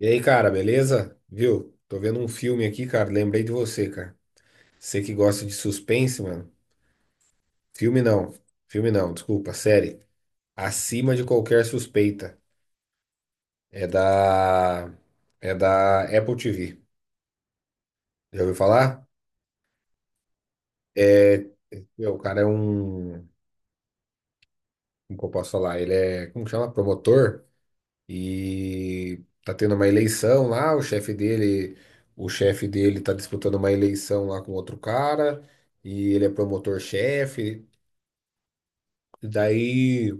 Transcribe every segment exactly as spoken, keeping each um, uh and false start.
E aí, cara, beleza? Viu? Tô vendo um filme aqui, cara. Lembrei de você, cara. Você que gosta de suspense, mano. Filme não. Filme não, desculpa, série. Acima de qualquer suspeita. É da. É da Apple T V. Já ouviu falar? É. Meu, o cara é um. Como que eu posso falar? Ele é. Como que chama? Promotor. E tá tendo uma eleição lá. O chefe dele. O chefe dele tá disputando uma eleição lá com outro cara. E ele é promotor-chefe. E daí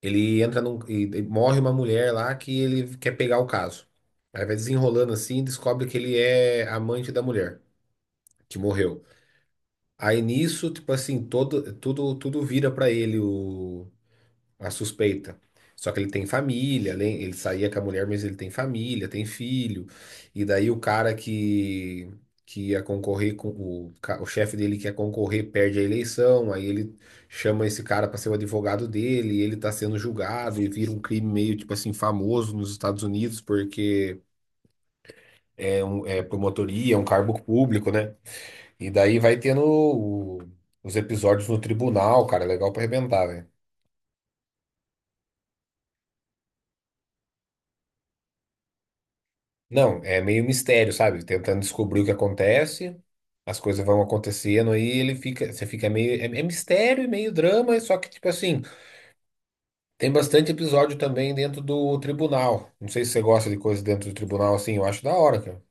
ele entra num. E, e morre uma mulher lá que ele quer pegar o caso. Aí vai desenrolando assim e descobre que ele é amante da mulher que morreu. Aí nisso, tipo assim, todo, tudo, tudo vira pra ele. O, a suspeita. Só que ele tem família, ele ele saía com a mulher, mas ele tem família, tem filho. E daí o cara que, que ia concorrer com o, ca- o chefe dele que ia concorrer perde a eleição, aí ele chama esse cara para ser o advogado dele, e ele tá sendo julgado e vira um crime meio tipo assim famoso nos Estados Unidos porque é um é promotoria, é um cargo público, né? E daí vai tendo o- os episódios no tribunal, cara, é legal para arrebentar, velho. Não, é meio mistério, sabe? Tentando descobrir o que acontece, as coisas vão acontecendo aí ele fica, você fica meio, é, é mistério e meio drama, só que tipo assim, tem bastante episódio também dentro do tribunal. Não sei se você gosta de coisa dentro do tribunal assim, eu acho da hora, cara.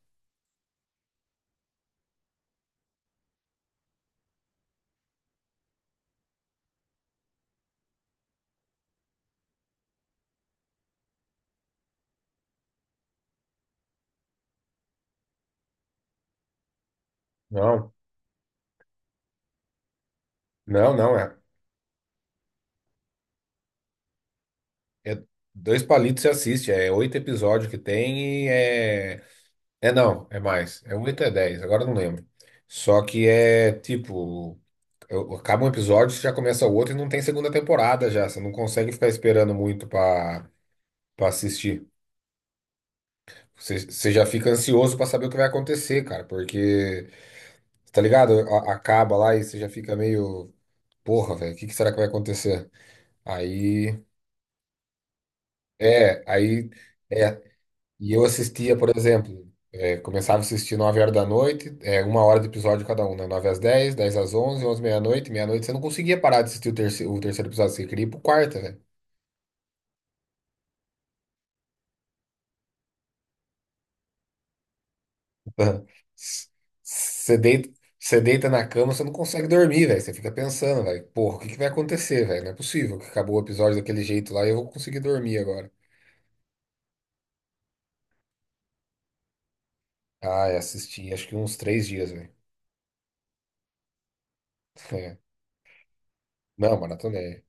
Não, não, não, é, é dois palitos você assiste, é oito episódios que tem e é, é não, é mais, é oito é dez, agora eu não lembro. Só que é tipo eu- acaba um episódio, você já começa o outro e não tem segunda temporada já. Você não consegue ficar esperando muito pra para assistir. Você, você já fica ansioso pra saber o que vai acontecer, cara, porque, tá ligado? A- acaba lá e você já fica meio, porra, velho, o que que será que vai acontecer? Aí, é, aí, é. E eu assistia, por exemplo, é, começava a assistir nove horas da noite, é, uma hora de episódio cada um, né? nove às dez, dez às onze, onze à meia-noite, meia-noite você não conseguia parar de assistir o terceiro, o terceiro episódio, você queria ir pro quarto. Você deita, Você deita na cama, você não consegue dormir, velho. Você fica pensando, velho, porra, o que que vai acontecer, velho? Não é possível que acabou o episódio daquele jeito lá e eu vou conseguir dormir agora. Ah, eu assisti, acho que uns três dias, velho. É. Não, maratonei.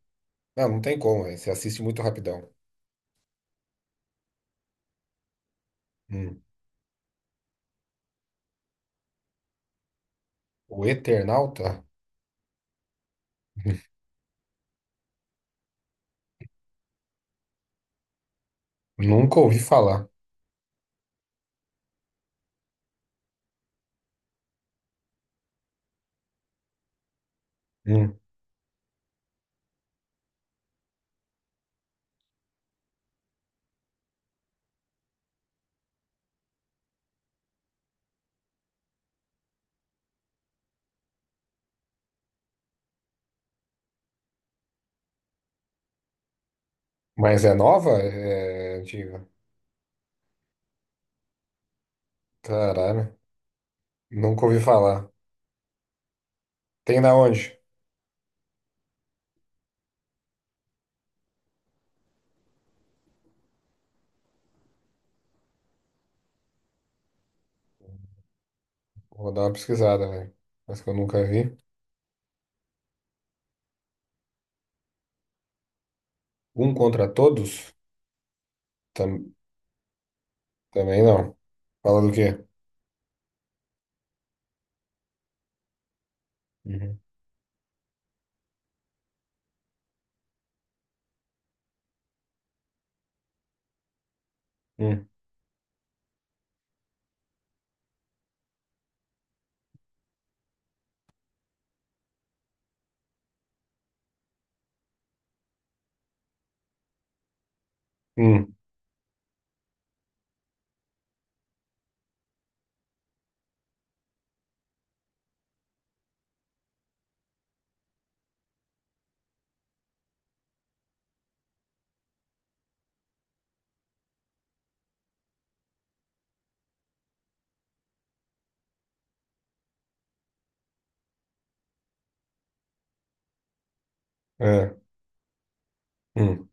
Não, não tem como, velho. Você assiste muito rapidão. Hum. O Eternauta? Nunca ouvi falar. Hum. Mas é nova? É é antiga. Caralho. Nunca ouvi falar. Tem na onde? Vou dar uma pesquisada, velho. Mas que eu nunca vi. Um contra todos? Tam- também não. Fala do quê? Uhum. Hum. Hum. É. Hum.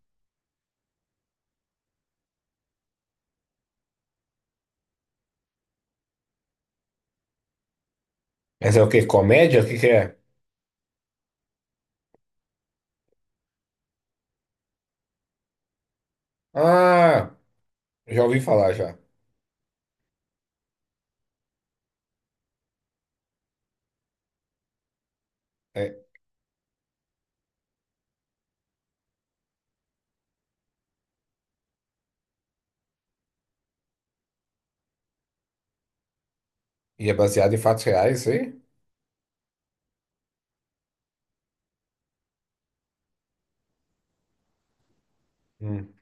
Essa é o quê? Comédia? O que que é? Ah, já ouvi falar já. É. E é baseado em fatos reais, isso aí? Hum.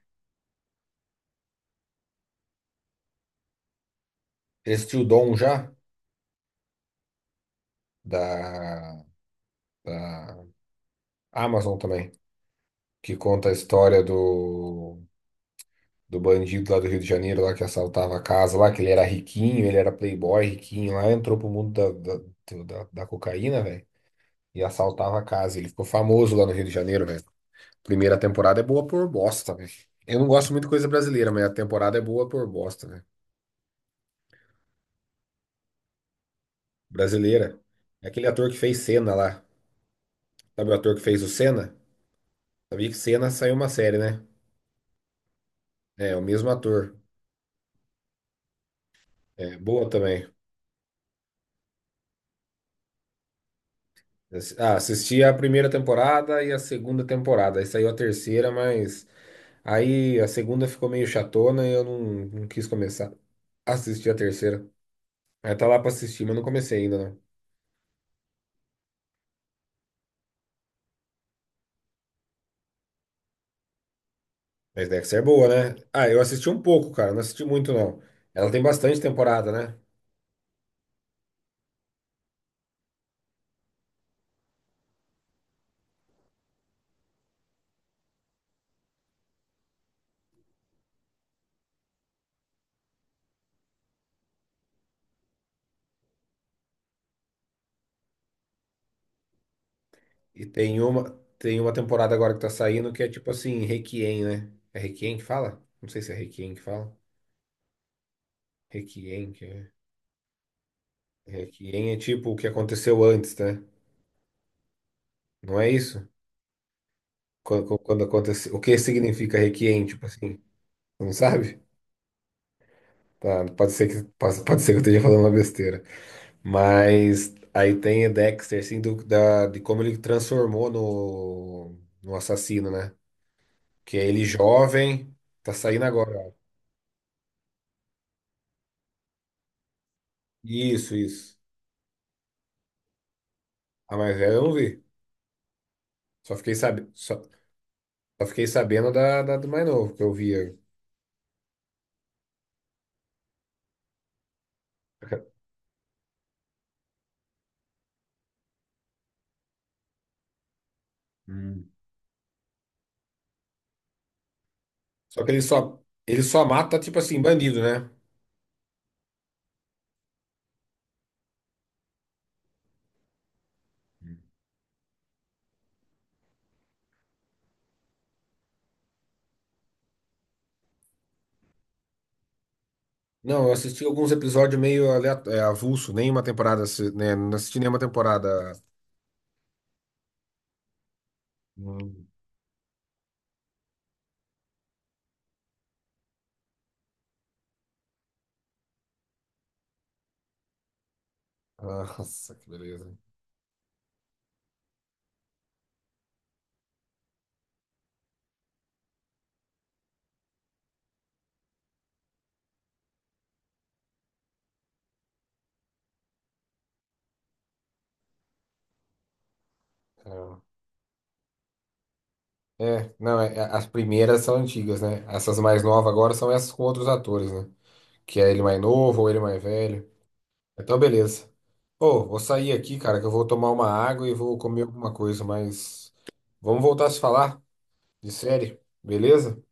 Existiu o Dom já? Da, da Amazon também. Que conta a história do, do bandido lá do Rio de Janeiro, lá que assaltava a casa lá, que ele era riquinho, ele era playboy riquinho lá, entrou pro mundo da, da, do- da, da cocaína, velho. E assaltava a casa. Ele ficou famoso lá no Rio de Janeiro, velho. Primeira temporada é boa por bosta, velho. Eu não gosto muito de coisa brasileira, mas a temporada é boa por bosta, velho. Brasileira. É aquele ator que fez Senna lá. Sabe o ator que fez o Senna? Sabia que Senna saiu uma série, né? É, o mesmo ator. É, boa também. Assi- Ah, assisti a primeira temporada e a segunda temporada. Aí saiu a terceira, mas aí a segunda ficou meio chatona e eu não, não quis começar a assistir a terceira. Aí tá lá pra assistir, mas não comecei ainda. Mas Dexter é boa, né? Ah, eu assisti um pouco, cara. Não assisti muito, não. Ela tem bastante temporada, né? E tem uma, tem uma temporada agora que tá saindo que é tipo assim, Requiem, né? É Requiem que fala? Não sei se é Requiem que fala. Requiem, que é. Requiem é tipo o que aconteceu antes, né? Não é isso? Quando, quando aconteceu. O que significa Requiem, tipo assim? Você não sabe? Tá, pode ser que, pode, pode ser que eu esteja falando uma besteira. Mas aí tem o Dexter, assim, do, da, de como ele transformou no, no assassino, né? Que é ele jovem, tá saindo agora. Ó. Isso, isso. A mais velha eu não vi. Só fiquei, sabe, só, só fiquei sabendo da, da do mais novo, que eu via. Hum. Só que ele só, ele só mata, tipo assim, bandido, né? Não, eu assisti alguns episódios meio aleato- é, avulso, nem uma temporada, assi- né? Não assisti nenhuma temporada. Hum. Nossa, que beleza. É, não, é, é, as primeiras são antigas, né? Essas mais novas agora são essas com outros atores, né? Que é ele mais novo ou ele mais velho. Então, beleza. Pô, vou sair aqui, cara, que eu vou tomar uma água e vou comer alguma coisa, mas vamos voltar a se falar de série, beleza?